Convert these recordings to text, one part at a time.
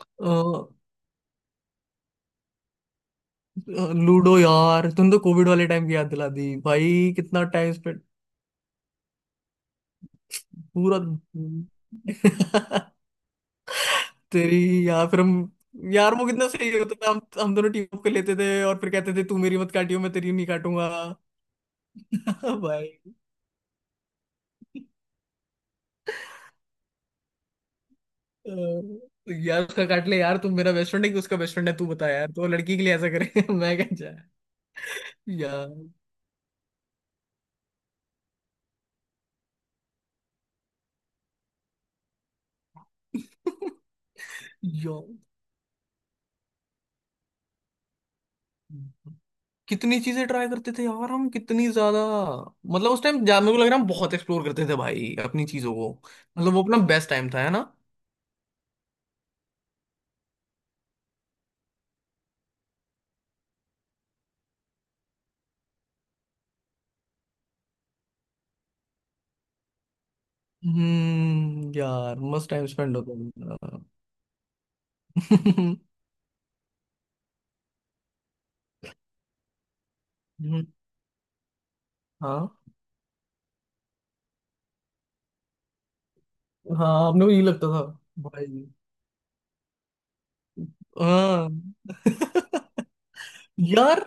Ludo. यार तुम तो कोविड वाले टाइम की याद दिला दी भाई, कितना टाइम स्पेंड पूरा तेरी यार, फिर हम यार वो कितना सही होता था, हम दोनों टीम अप कर लेते थे और फिर कहते थे, तू मेरी मत काटियो, मैं तेरी नहीं काटूंगा। भाई, यार उसका काट ले यार, तू मेरा बेस्ट फ्रेंड है कि उसका बेस्ट फ्रेंड है, तू बता यार, तो लड़की के लिए ऐसा करे। मैं क्या चाह यार यार कितनी चीजें ट्राई करते थे यार हम, कितनी ज्यादा। मतलब उस टाइम मेरे को लग रहा है, हम बहुत एक्सप्लोर करते थे भाई अपनी चीजों को। मतलब वो अपना बेस्ट टाइम था, है ना। हम्म, यार मस्त टाइम स्पेंड होता था। हम्म, हाँ। हाँ, अपने को ये लगता था भाई। हाँ। यार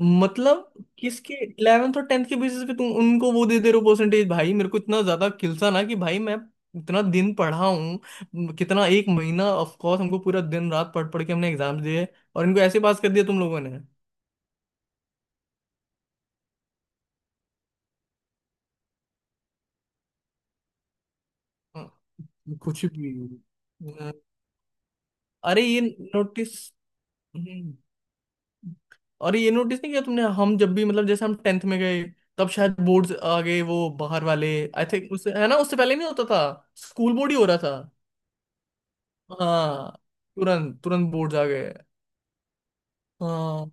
मतलब, किसके 11th और 10th के बेसिस पे तुम उनको वो दे दे रहे हो परसेंटेज भाई, मेरे को इतना ज्यादा खिलसा ना कि भाई, मैं इतना दिन पढ़ा हूँ, कितना एक महीना ऑफ कोर्स हमको, पूरा दिन रात पढ़ पढ़ के हमने एग्जाम दिए। और इनको ऐसे पास कर दिया तुम लोगों ने। हाँ, कुछ भी। हाँ, अरे ये नोटिस अरे ये नोटिस नहीं किया तुमने, हम जब भी मतलब जैसे हम 10th में गए, तब शायद बोर्ड्स आ गए, वो बाहर वाले। आई थिंक उससे, है ना, उससे पहले नहीं होता था, स्कूल बोर्ड ही हो रहा था। हाँ, तुरंत तुरंत बोर्ड आ गए। हाँ।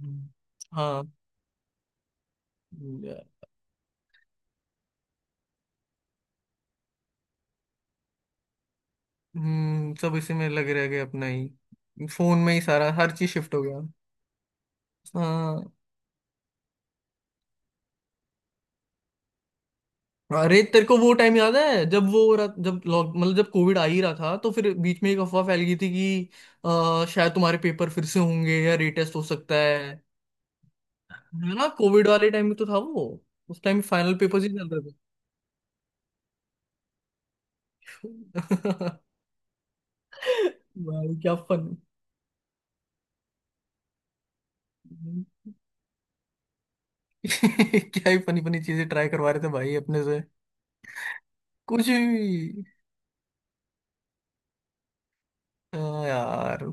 हम्म, हाँ। सब इसी में लगे रह गए, अपना ही फोन में ही सारा हर चीज शिफ्ट हो गया। हाँ। अरे तेरे को वो टाइम याद है, जब वो हो रहा, जब लॉक मतलब जब कोविड आ ही रहा था, तो फिर बीच में एक अफवाह फैल गई थी कि शायद तुम्हारे पेपर फिर से होंगे या रीटेस्ट हो सकता है। है ना, कोविड वाले टाइम में तो था वो, उस टाइम फाइनल पेपर ही चल रहे थे। भाई क्या फन क्या ही फनी फनी चीजें ट्राई करवा रहे थे भाई अपने से। कुछ भी। हाँ यार,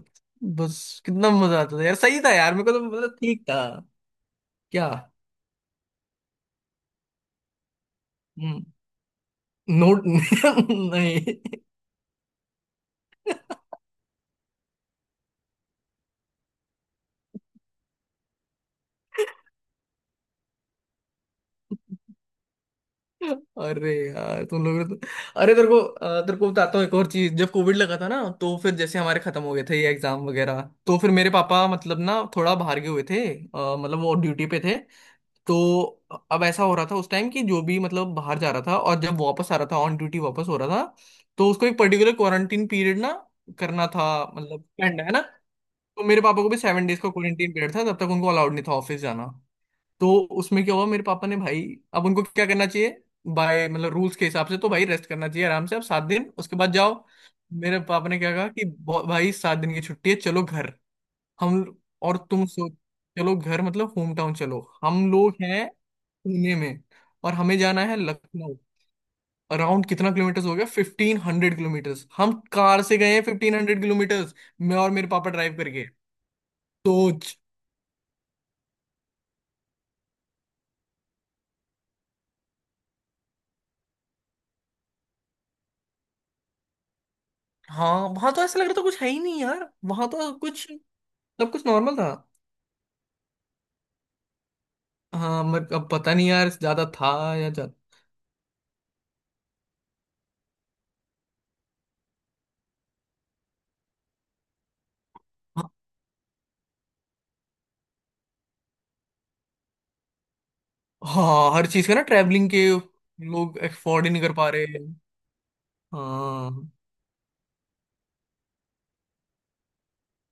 बस। कितना मजा आता था यार, सही था यार, मेरे को तो मतलब ठीक था। क्या। हम्म, नोट। नहीं। अरे यार तुम लोग तो, अरे तेरे को अ, तेरे को बताता हूँ एक और चीज, जब कोविड लगा था ना, तो फिर जैसे हमारे खत्म हो गए थे ये एग्जाम वगैरह। तो फिर मेरे पापा मतलब ना थोड़ा बाहर गए हुए थे, मतलब वो ड्यूटी पे थे। तो अब ऐसा हो रहा था उस टाइम कि जो भी मतलब बाहर जा रहा था, और जब वापस आ रहा था ऑन ड्यूटी वापस हो रहा था, तो उसको एक पर्टिकुलर क्वारंटीन पीरियड ना करना था, मतलब स्पेंड, है ना। तो मेरे पापा को भी 7 days का क्वारंटीन पीरियड था, तब तक उनको अलाउड नहीं था ऑफिस जाना। तो उसमें क्या हुआ, मेरे पापा ने भाई अब उनको क्या करना चाहिए, बाय मतलब रूल्स के हिसाब से तो भाई रेस्ट करना चाहिए, आराम से आप 7 दिन उसके बाद जाओ। मेरे पापा ने क्या कहा कि भाई 7 दिन की छुट्टी है, चलो घर।" हम और तुम सो, चलो घर, मतलब होम टाउन चलो। हम लोग हैं पुणे में, और हमें जाना है लखनऊ। अराउंड कितना किलोमीटर्स हो गया, 1500 किलोमीटर्स हम कार से गए हैं, 1500 किलोमीटर्स। मैं और मेरे पापा ड्राइव करके। सोच। हाँ, वहां तो ऐसा लग रहा था कुछ है ही नहीं यार, वहां तो कुछ सब कुछ नॉर्मल था। हाँ, मगर अब पता नहीं यार ज्यादा था या ज्यादा। हाँ। हाँ, हर चीज का ना, ट्रैवलिंग के, लोग अफोर्ड ही नहीं कर पा रहे हैं। हाँ।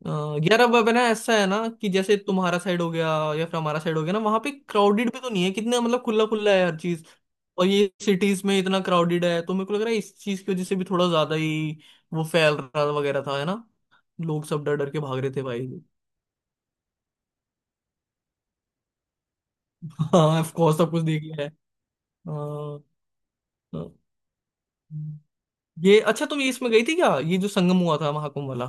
अ, यार अब है ना, ऐसा है ना कि जैसे तुम्हारा साइड हो गया या फिर हमारा साइड हो गया ना, वहां पे क्राउडेड भी तो नहीं है कितना, मतलब खुला खुला है हर चीज। और ये सिटीज में इतना क्राउडेड है, तो मेरे को लग रहा है इस चीज की वजह से भी थोड़ा ज्यादा ही वो फैल रहा वगैरह था, है ना। लोग सब डर डर के भाग रहे थे भाई। हाँ, ऑफ कोर्स सब कुछ देख लिया है। अ, अ, ये अच्छा, तुम ये इसमें गई थी क्या, ये जो संगम हुआ था महाकुंभ वाला।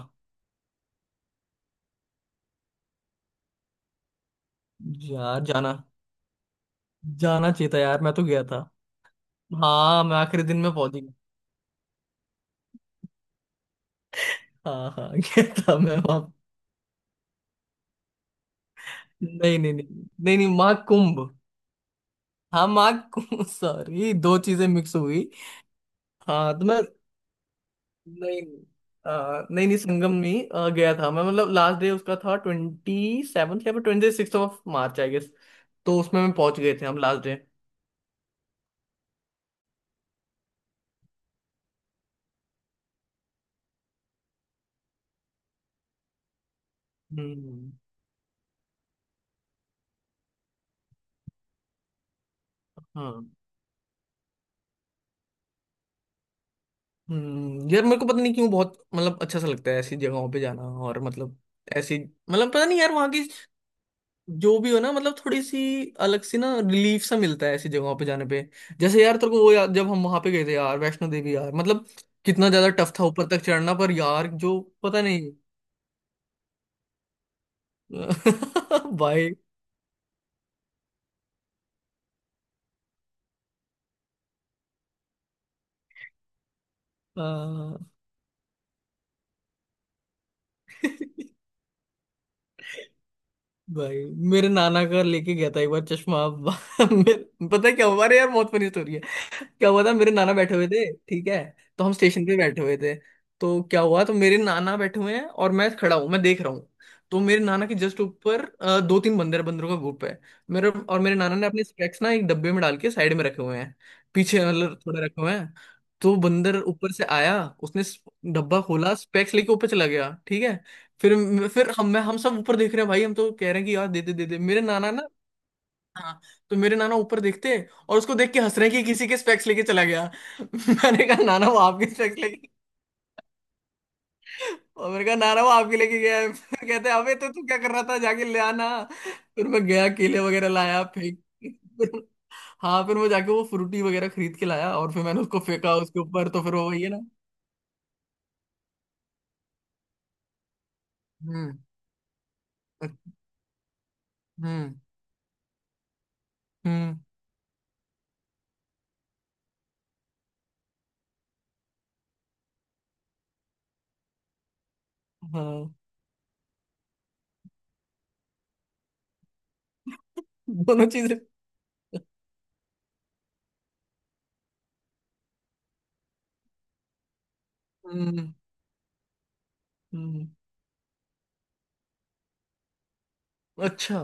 यार जाना जाना चाहिए था यार, मैं तो गया था। हाँ मैं आखिरी दिन में पहुंच ही गया। हाँ हाँ। गया था मैं वहां। नहीं नहीं नहीं नहीं नहीं, माँ कुंभ। हाँ माँ कुंभ, सॉरी दो चीजें मिक्स हो गई। हाँ, तो मैं नहीं नहीं, नहीं नहीं, संगम में गया था मैं। मतलब लास्ट डे उसका था 27th या 26 of मार्च आई गेस। तो उसमें मैं पहुंच गए थे हम लास्ट डे। हम्म। हाँ। हम्म, यार मेरे को पता नहीं क्यों बहुत मतलब अच्छा सा लगता है ऐसी जगहों पे जाना, और मतलब ऐसी, मतलब पता नहीं यार वहाँ की, जो भी हो ना मतलब थोड़ी सी अलग सी ना रिलीफ सा मिलता है ऐसी जगहों पे जाने पे। जैसे यार तेरे को वो यार, जब हम वहां पे गए थे यार वैष्णो देवी यार, मतलब कितना ज्यादा टफ था ऊपर तक चढ़ना, पर यार जो पता नहीं। भाई। हाँ भाई मेरे नाना का लेके गया था एक बार चश्मा। पता है क्या हुआ, अरे यार बहुत फनी स्टोरी है। क्या हुआ था, मेरे नाना बैठे हुए थे, ठीक है। तो हम स्टेशन पे बैठे हुए थे। तो क्या हुआ, तो मेरे नाना बैठे हुए हैं और मैं खड़ा हूँ, मैं देख रहा हूँ। तो मेरे नाना के जस्ट ऊपर दो तीन बंदर बंदरों का ग्रुप है। मेरे नाना ने अपने स्पेक्स ना एक डब्बे में डाल के साइड में रखे हुए हैं, पीछे मतलब थोड़े रखे हुए हैं। तो बंदर ऊपर से आया, उसने स- डब्बा खोला, स्पेक्स लेके ऊपर चला गया, ठीक है। फिर हम सब ऊपर देख रहे हैं भाई, हम तो कह रहे हैं कि यार दे दे दे दे मेरे नाना ना। हाँ। तो मेरे नाना ऊपर देखते, और उसको देख के हंस रहे हैं कि किसी के स्पेक्स लेके चला गया। मैंने कहा, नाना वो आपके स्पेक्स लेके, और मैंने कहा नाना वो आपके लेके गया है। फिर कहते, अबे तो तू क्या कर रहा था, जाके ले आना। फिर मैं गया, केले वगैरह लाया फेंक। हाँ, फिर मैं जाके वो फ्रूटी वगैरह खरीद के लाया, और फिर मैंने उसको फेंका उसके ऊपर, तो फिर वो वही है ना। हम्म। हम्म। हम्म। हाँ, दोनों चीजें। हम्म। हम्म। अच्छा।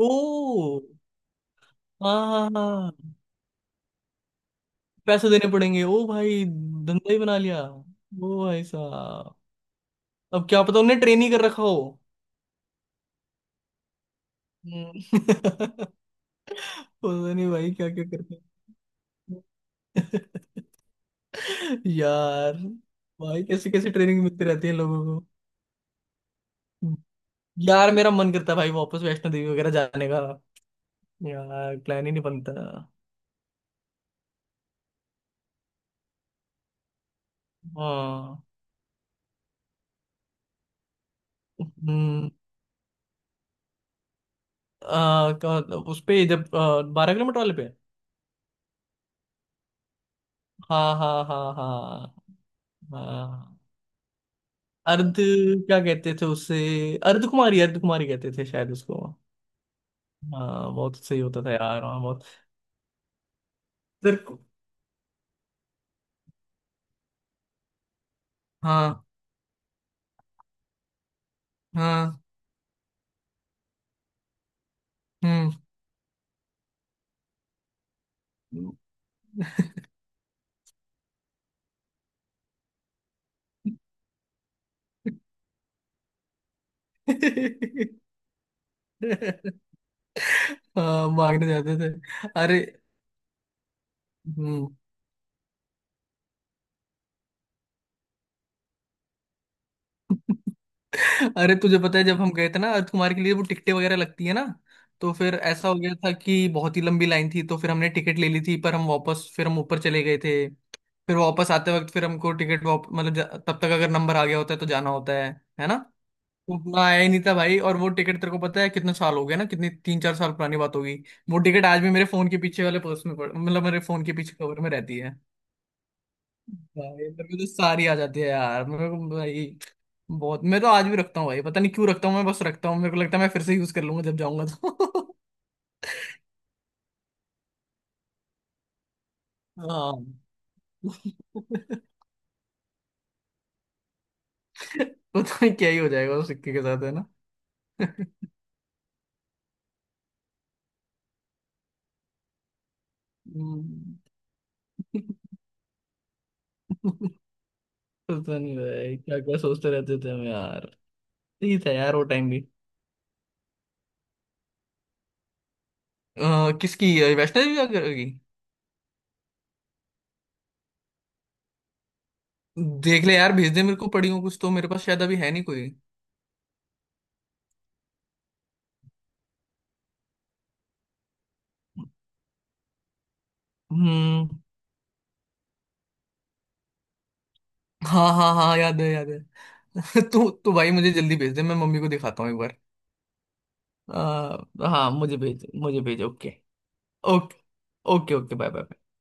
ओ। हाँ हाँ हाँ। पैसे देने पड़ेंगे, ओ भाई धंधा ही बना लिया। ओ भाई साहब, अब क्या पता उन्हें ट्रेन ही कर रखा हो। हम्म। पता नहीं भाई क्या क्या करते हैं। यार, भाई कैसी कैसी ट्रेनिंग मिलती रहती है लोगों को। हम्म। यार मेरा मन करता है भाई वापस वैष्णो देवी वगैरह जाने का। यार प्लान ही नहीं बनता। हाँ। हम्म। उस पे जब 12 किलोमीटर वाले पे। हाँ हाँ हाँ हाँ। हाँ। अर्ध क्या कहते थे उससे, अर्ध कुमारी कहते थे शायद उसको। हाँ, बहुत सही होता था यार, हाँ बहुत। सर। हाँ। हाँ। हम्म। हाँ, मांगने जाते थे। अरे। हम्म। अरे तुझे पता है जब हम गए थे ना अर्थ कुमार के लिए वो टिकटें वगैरह लगती है ना, तो फिर ऐसा हो गया था कि बहुत ही लंबी लाइन थी, तो फिर हमने टिकट ले ली थी, पर हम वापस फिर हम ऊपर चले गए थे, फिर वापस आते वक्त फिर हमको टिकट वाप मतलब तब तक अगर नंबर आ गया होता है तो जाना होता है ना। तो उतना आया ही नहीं था भाई। और वो टिकट तेरे को पता है कितने साल हो गए ना, कितनी 3-4 साल पुरानी बात होगी। वो टिकट आज भी मेरे फोन के पीछे वाले पर्स में पड़ मतलब मेरे फोन के पीछे कवर में रहती है। भाई मेरे को तो सारी आ जाती है यार, मेरे को भाई बहुत। मैं तो आज भी रखता हूँ भाई, पता नहीं क्यों रखता हूँ, मैं बस रखता हूँ, मेरे को लगता है मैं फिर से यूज कर लूंगा जब जाऊंगा तो। हाँ। पता नहीं क्या ही हो जाएगा उस सिक्के के साथ, है ना। हम्म। पता नहीं भाई क्या क्या सोचते रहते थे हम यार। सही था यार वो टाइम भी। किसकी, वैष्णो देवी क्या करेगी। देख ले यार, भेज दे मेरे को, पड़ी हो कुछ तो, मेरे पास शायद अभी है नहीं कोई। हम्म। हाँ हाँ हाँ, याद है याद है। तू तू भाई मुझे जल्दी भेज दे, मैं मम्मी को दिखाता हूँ एक बार। हाँ मुझे भेज मुझे भेज। Okay. Okay okay, okay bye bye.